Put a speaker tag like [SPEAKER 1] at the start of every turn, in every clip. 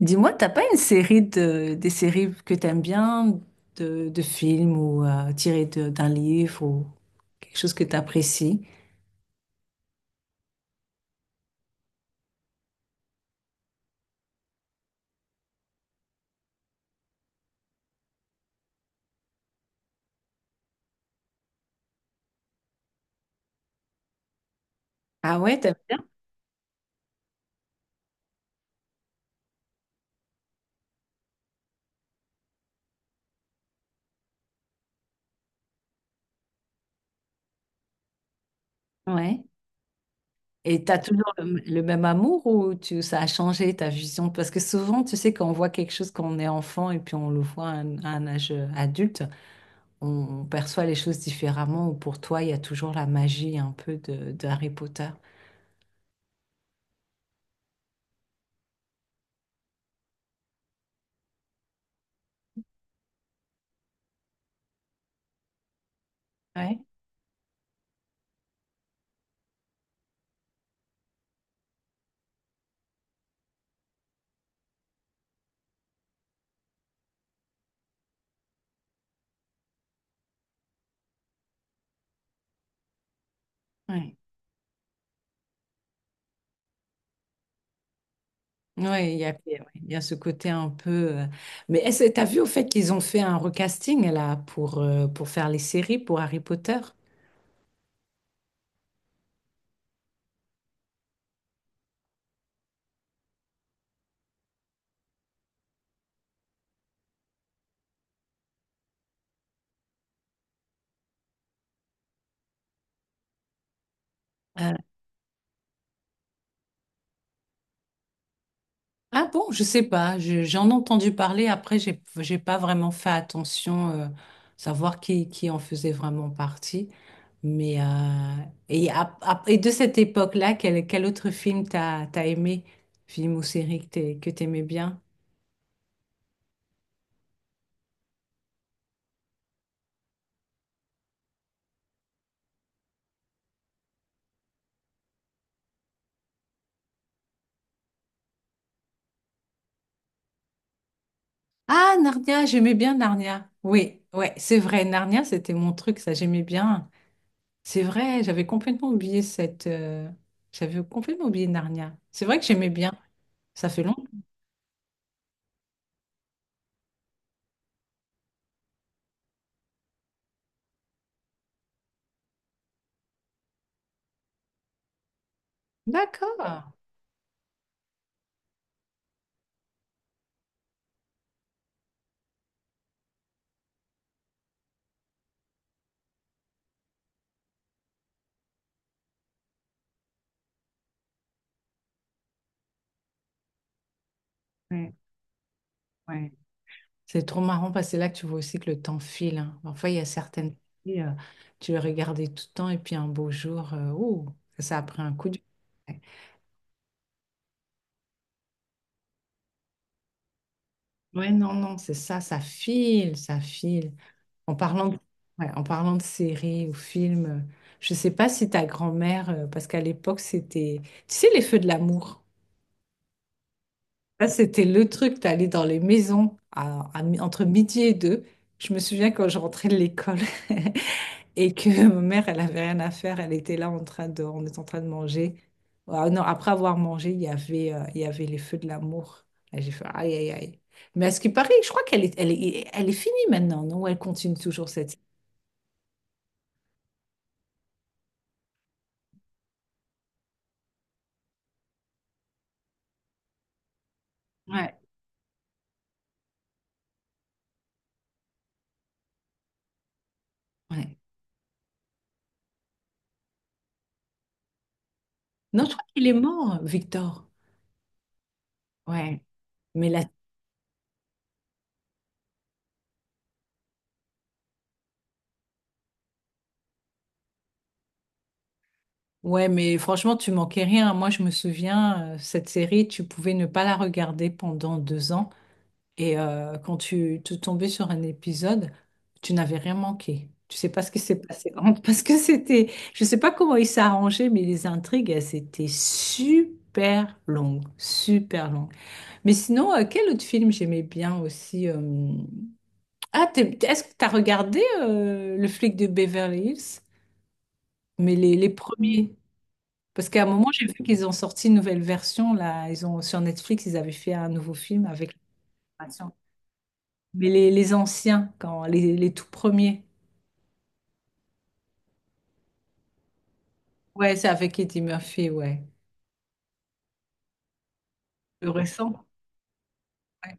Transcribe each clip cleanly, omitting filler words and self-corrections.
[SPEAKER 1] Dis-moi, t'as pas une série de des séries que t'aimes bien de films ou tirées d'un livre ou quelque chose que t'apprécies? Ah ouais, t'aimes bien? Ouais. Et t'as toujours le même amour ou ça a changé ta vision? Parce que souvent, tu sais, quand on voit quelque chose quand on est enfant et puis on le voit à un âge adulte, on, on perçoit les choses différemment ou pour toi, il y a toujours la magie un peu de Harry Potter. Ouais, ouais. Oui, il y a, ouais, il y a ce côté un peu. euh, Mais est-ce que t'as vu au fait qu'ils ont fait un recasting là pour faire les séries pour Harry Potter? Euh, ah bon, je sais pas. J'en ai entendu parler. Après, j'ai pas vraiment fait attention savoir qui en faisait vraiment partie. Mais et de cette époque-là, quel autre film t'as aimé? Film ou série que que t'aimais bien? Ah, Narnia, j'aimais bien Narnia. Oui, ouais, c'est vrai. Narnia, c'était mon truc, ça, j'aimais bien. C'est vrai, j'avais complètement oublié cette. J'avais complètement oublié Narnia. C'est vrai que j'aimais bien. Ça fait longtemps. D'accord. Ouais, ouais. C'est trop marrant parce que c'est là que tu vois aussi que le temps file, hein. Parfois, il y a certaines filles, tu les regardais tout le temps et puis un beau jour, ouh, ça a pris un coup de. Ouais, non, non, c'est ça, ça file, ça file. En parlant de, ouais, en parlant de séries ou films, je ne sais pas si ta grand-mère, parce qu'à l'époque, c'était, tu sais, les feux de l'amour. Ça c'était le truc, t'allais dans les maisons entre midi et deux. Je me souviens quand je rentrais de l'école et que ma mère, elle avait rien à faire. Elle était là en train de, on était en train de manger. Ah non, après avoir mangé, il y avait les feux de l'amour. Là, j'ai fait aïe, aïe, aïe. Mais à ce qui paraît, je crois qu'elle est finie maintenant, non? Elle continue toujours cette. Ouais. Ouais. Non, je crois qu'il est mort, Victor. Ouais. Mais la, ouais, mais franchement, tu manquais rien. Moi, je me souviens, cette série, tu pouvais ne pas la regarder pendant 2 ans. Et quand tu te tombais sur un épisode, tu n'avais rien manqué. Tu sais pas ce qui s'est passé. Parce que c'était, je sais pas comment il s'est arrangé, mais les intrigues, elles étaient super longues. Super longues. Mais sinon, quel autre film j'aimais bien aussi. Ah, est-ce que tu as regardé Le flic de Beverly Hills? Mais les premiers. Parce qu'à un moment, j'ai vu qu'ils ont sorti une nouvelle version, là. Ils ont, sur Netflix, ils avaient fait un nouveau film avec l'animation. Mais les anciens, quand, les tout premiers. Ouais, c'est avec Eddie Murphy, ouais. Le récent. Ouais.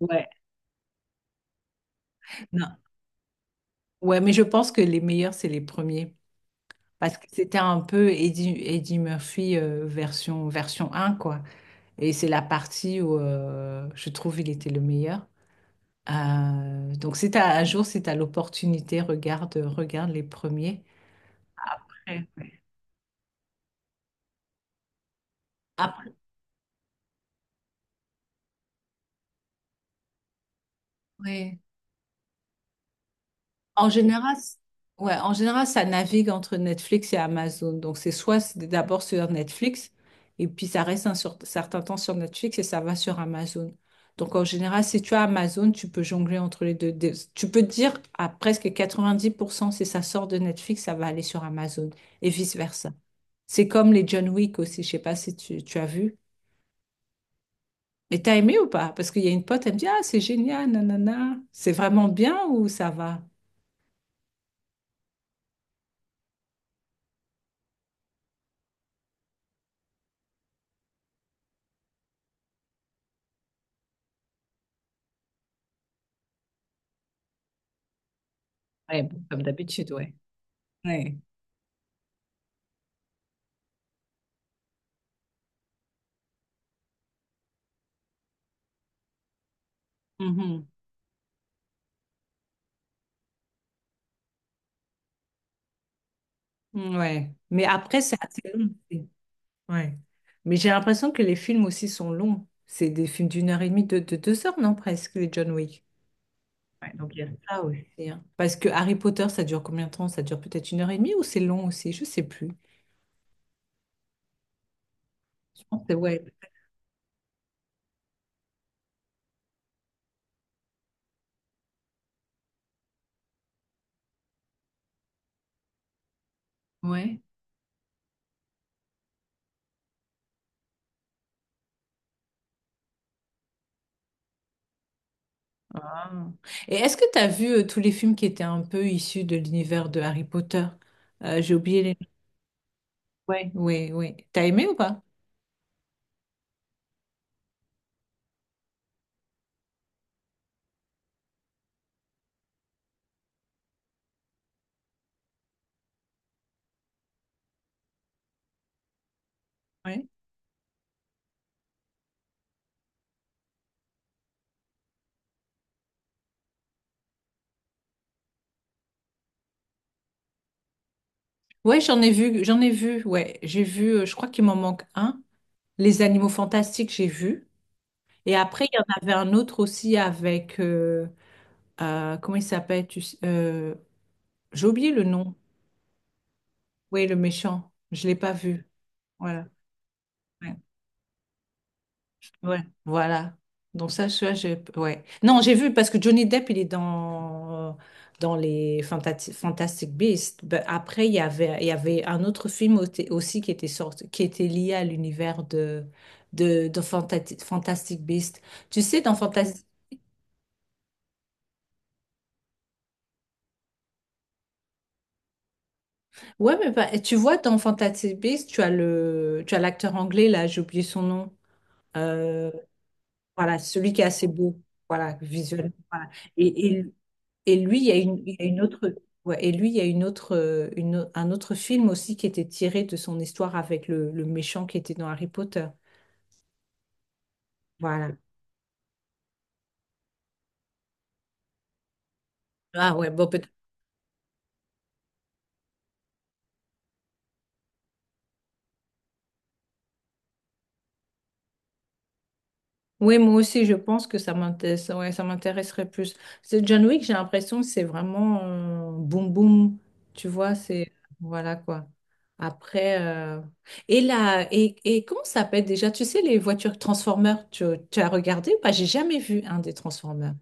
[SPEAKER 1] Ouais. Non. Ouais, mais je pense que les meilleurs, c'est les premiers. Parce que c'était un peu Eddie Murphy, version un quoi. Et c'est la partie où je trouve il était le meilleur. Donc si t'as un jour, si tu as l'opportunité, regarde les premiers. Ouais, ouais. Après, ouais. En général, ouais, en général, ça navigue entre Netflix et Amazon. Donc c'est soit c'est d'abord sur Netflix et puis ça reste certain temps sur Netflix et ça va sur Amazon. Donc en général, si tu as Amazon, tu peux jongler entre les deux. Tu peux te dire à presque 90% si ça sort de Netflix, ça va aller sur Amazon et vice-versa. C'est comme les John Wick aussi. Je sais pas si tu as vu. Mais t'as aimé ou pas? Parce qu'il y a une pote, elle me dit, ah, c'est génial, nanana. C'est vraiment bien ou ça va? Ouais, bon, comme d'habitude, ouais. Ouais. Mhm. Ouais. Mais après, c'est assez long aussi. Ouais. Mais j'ai l'impression que les films aussi sont longs. C'est des films d'une heure et demie, de deux heures, non, presque, les John Wick. Ouais, donc il y a Ah oui. Parce que Harry Potter, ça dure combien de temps? Ça dure peut-être une heure et demie ou c'est long aussi? Je sais plus. Je pense que c'est ouais. Ouais. Ah. Et est-ce que tu as vu tous les films qui étaient un peu issus de l'univers de Harry Potter? J'ai oublié les noms. Ouais, ouais, ouais. T'as aimé ou pas? Ouais. Ouais, j'en ai vu, j'en ai vu. Ouais, j'ai vu. Je crois qu'il m'en manque un. Les Animaux Fantastiques, j'ai vu. Et après, il y en avait un autre aussi avec comment il s'appelle? J'ai oublié le nom. Oui, le méchant. Je l'ai pas vu. Voilà. Ouais. Ouais, voilà. Donc ça, j'ai... Ouais. Non, j'ai vu parce que Johnny Depp, il est dans les Fantastic Beasts. Ben, après, il y avait un autre film aussi qui était sorti, qui était lié à l'univers de Fantastic Beasts. Tu sais, dans Fantastic... Ouais, mais tu vois, dans Fantastic Beasts, tu as tu as l'acteur anglais, là, j'ai oublié son nom. Euh, Voilà, celui qui est assez beau, voilà, visuellement, voilà. Et, et, et lui, il y a une autre, ouais, et lui, il y a une autre, une, un autre film aussi qui était tiré de son histoire avec le méchant qui était dans Harry Potter. Voilà. Ah ouais, bon, Oui, moi aussi, je pense que ça m'intéresse, ouais, ça m'intéresserait plus. C'est John Wick, j'ai l'impression que c'est vraiment boum boum, tu vois, c'est voilà quoi. Après, et là, et comment ça s'appelle déjà? Tu sais, les voitures Transformers, tu as regardé ou pas? J'ai jamais vu un des Transformers.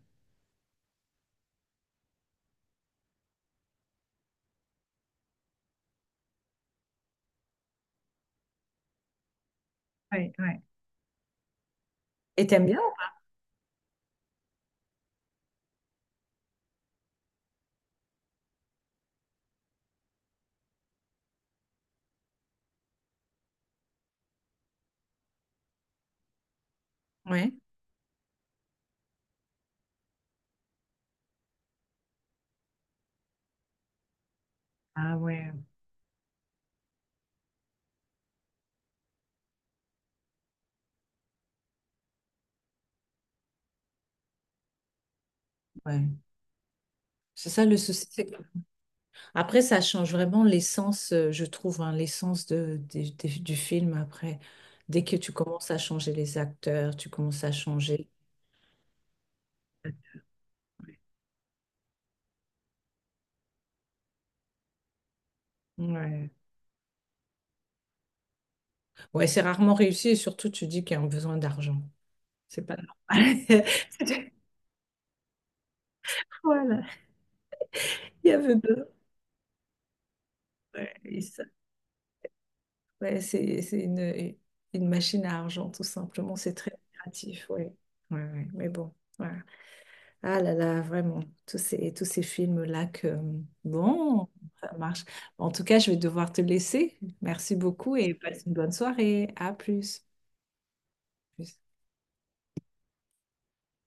[SPEAKER 1] Ouais, ouais. Et t'aimes bien? Ouais, ah ouais, ouais. C'est ça le souci. C'est après, ça change vraiment l'essence, je trouve, hein, l'essence du film après. Dès que tu commences à changer les acteurs, tu commences à changer. Ouais, ouais, c'est rarement réussi et surtout tu dis qu'il y a un besoin d'argent. C'est pas normal. Voilà, il y avait besoin. Ouais, et ouais, c'est une machine à argent, tout simplement. C'est très créatif, ouais. Ouais, ouais, mais bon. Ouais. Ah là là, vraiment, tous ces films-là que, bon, ça marche. En tout cas, je vais devoir te laisser. Merci beaucoup et passe une bonne soirée. À plus.